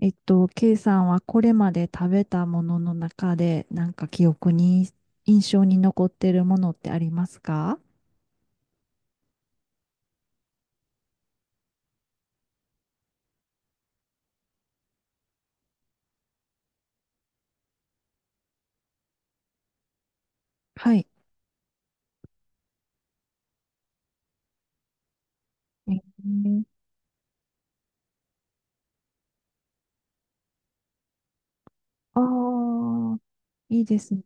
K さんはこれまで食べたものの中で、なんか記憶に、印象に残ってるものってありますか？はい。えー。ああ、いいですね。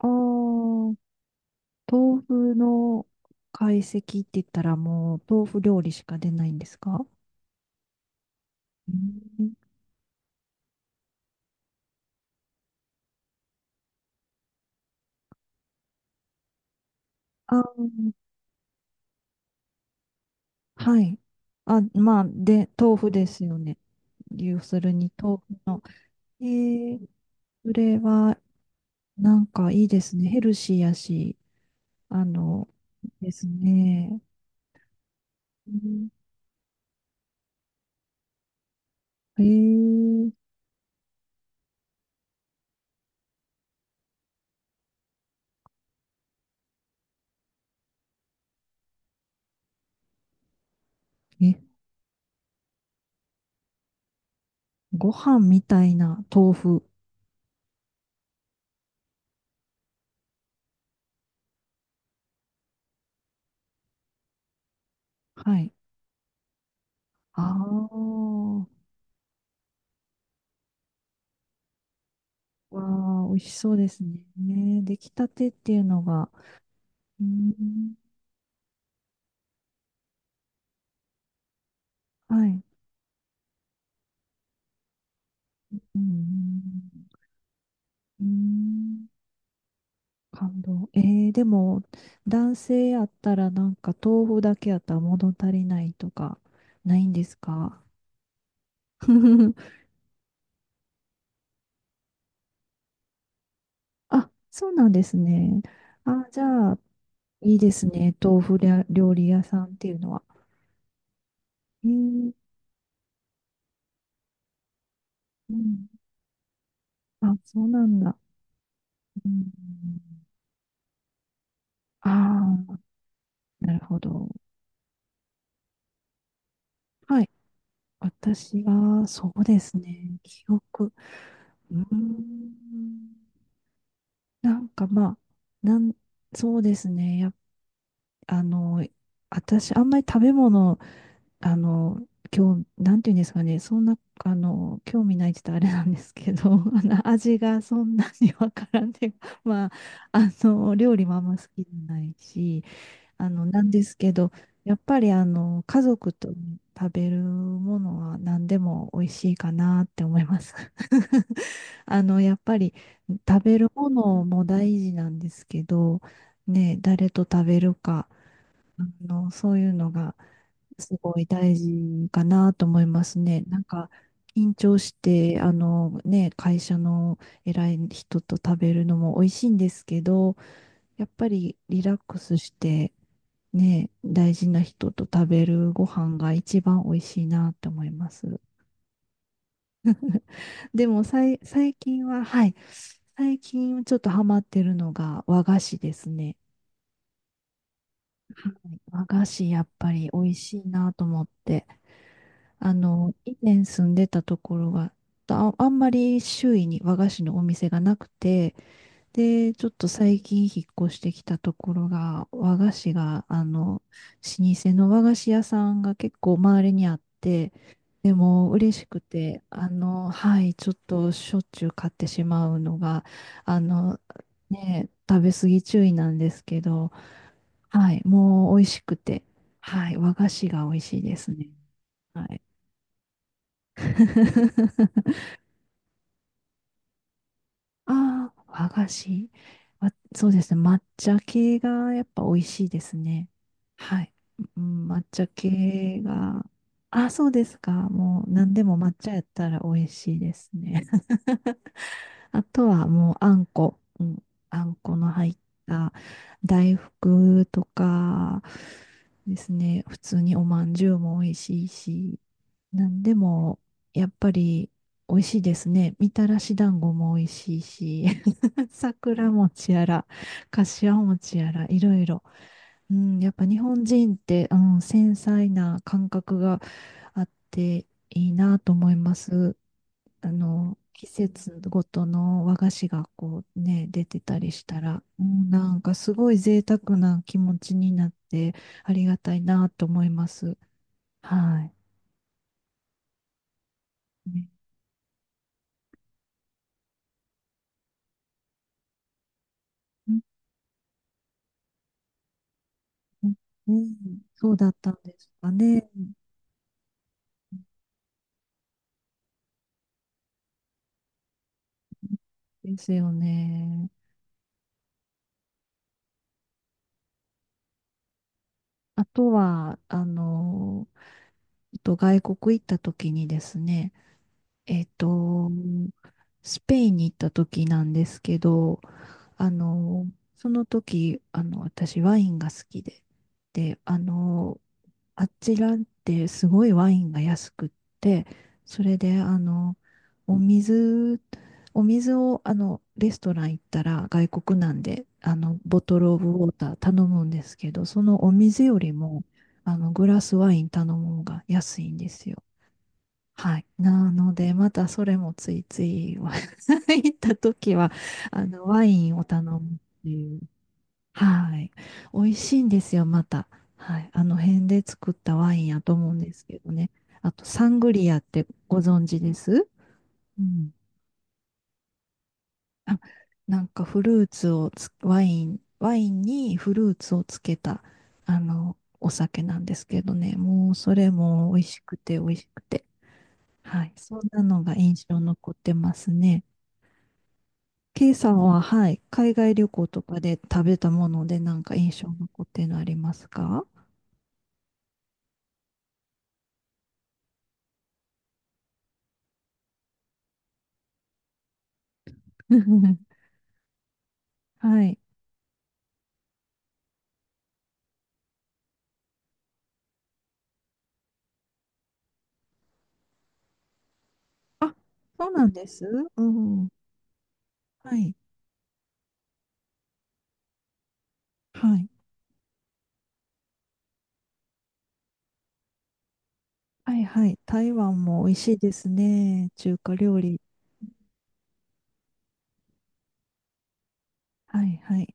ああー、豆腐の懐石って言ったらもう豆腐料理しか出ないんですか？うん。あー、はい。あ、まあ、で、豆腐ですよね。要するに豆腐の。えー、それは、なんかいいですね。ヘルシーやし、あの、ですね。うん。へえ、え、ご飯みたいな豆腐。はい。ああ、わあ、美味しそうですね。ね、出来たてっていうのが、うん、はい。うん、うん。感動。でも、男性やったらなんか豆腐だけやったら物足りないとか、ないんですか？ あ、そうなんですね。あ、じゃあ、いいですね。豆腐料料理屋さんっていうのは。えー、うん。あ、そうなんだ。うん、ああ、なるほど。はい。私は、そうですね。記憶。うーん。なんかまあ、なん、そうですね。あの、私、あんまり食べ物あの、今日、なんていうんですかね、そんな、興味ないって言ったらあれなんですけど、味がそんなにわからんで、まあ、料理もあんま好きじゃないし、なんですけど、やっぱり、家族と食べるものは何でも美味しいかなって思います。やっぱり、食べるものも大事なんですけど、ね、誰と食べるか、そういうのが、すごい大事かなと思いますね。なんか、緊張して、あのね、会社の偉い人と食べるのも美味しいんですけど、やっぱりリラックスして、ね、大事な人と食べるご飯が一番美味しいなと思います。でも最近は、はい、最近ちょっとハマってるのが和菓子ですね。はい。和菓子やっぱり美味しいなと思って。以前住んでたところが、あ、あんまり周囲に和菓子のお店がなくて、で、ちょっと最近引っ越してきたところが、和菓子が、老舗の和菓子屋さんが結構周りにあって、でも嬉しくて、はい、ちょっとしょっちゅう買ってしまうのが、あの、ね、食べ過ぎ注意なんですけど、はい、もう美味しくて、はい、和菓子が美味しいですね。はい。 ああ、和菓子。わそうですね。抹茶系がやっぱ美味しいですね。はい。うん。抹茶系が。あ、そうですか。もう何でも抹茶やったら美味しいですね。あとはもうあんこ、うん、あんこの入った大福とかですね、普通におまんじゅうも美味しいし、なんでもやっぱり美味しいですね。みたらし団子も美味しいし、桜餅やら、かしわ餅やら、いろいろ。うん、やっぱ日本人って、うん、繊細な感覚があっていいなと思います。季節ごとの和菓子がこうね、出てたりしたら、うん、なんかすごい贅沢な気持ちになってありがたいなと思います。はい。ね。うんうんうん。そうだったんですかね。ですよね。あとは、外国行った時にですね、えっと、スペインに行った時なんですけど、あの、その時、私ワインが好きで、で、あちらってすごいワインが安くって、それで、お水、お水を、レストラン行ったら外国なんで、ボトルオブウォーター頼むんですけど、そのお水よりも、グラスワイン頼む方が安いんですよ。はい。なので、またそれもついつい 行った時は、ワインを頼むっていう。はい。美味しいんですよ、また。はい。あの辺で作ったワインやと思うんですけどね。あと、サングリアってご存知です？うん。あ、なんかフルーツをつ、ワインにフルーツをつけた、お酒なんですけどね。もう、それも美味しくて美味しくて。はい。そんなのが印象残ってますね。K さんは、はい、海外旅行とかで食べたものでなんか印象に残ってるのありますか？ はい。あ、そうなんです。うん。はい。はい。はい、はい。台湾も美味しいですね。中華料理。はい、はい。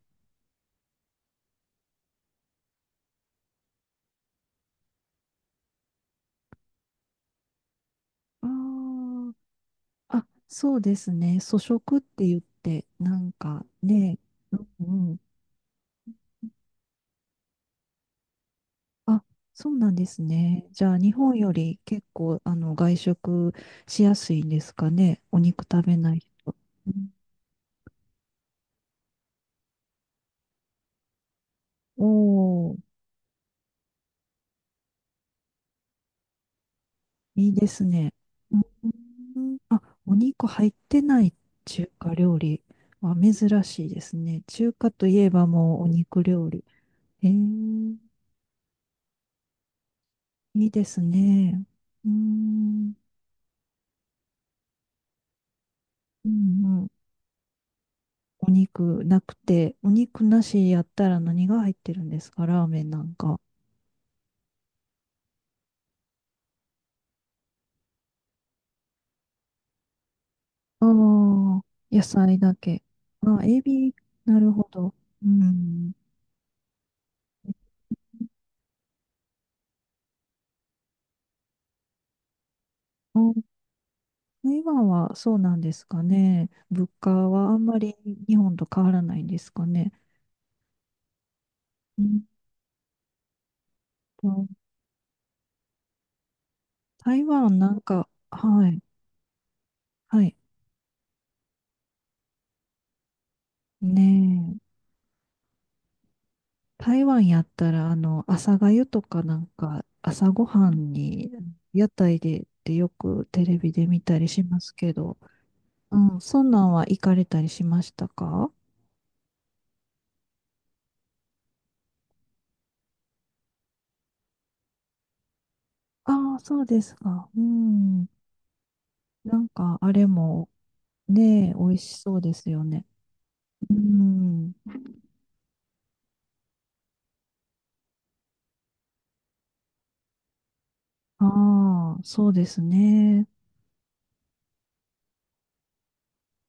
あーあ、そうですね。素食って言って、なんかね、うん、うん。あ、そうなんですね。じゃあ、日本より結構、外食しやすいんですかね。お肉食べない人。うおー、いいですね。うん。あ、お肉入ってない中華料理は珍しいですね。中華といえばもうお肉料理。えー、いいですね。うん、うん、うん。お肉なくて、お肉なしやったら何が入ってるんですか？ラーメンなんか。ああ、野菜だけ。あ、エビ、なるほど。うん。あ、台湾はそうなんですかね。物価はあんまり日本と変わらないんですかね。うんと、台湾なんか、はい、はい。ねえ、台湾やったら、朝粥とかなんか、朝ごはんに屋台でってよくテレビで見たりしますけど、うん、そんなんは行かれたりしましたか？ああ、そうですか。うん。なんか、あれも、ねえ、美味しそうですよね。うん。ああ、そうですね。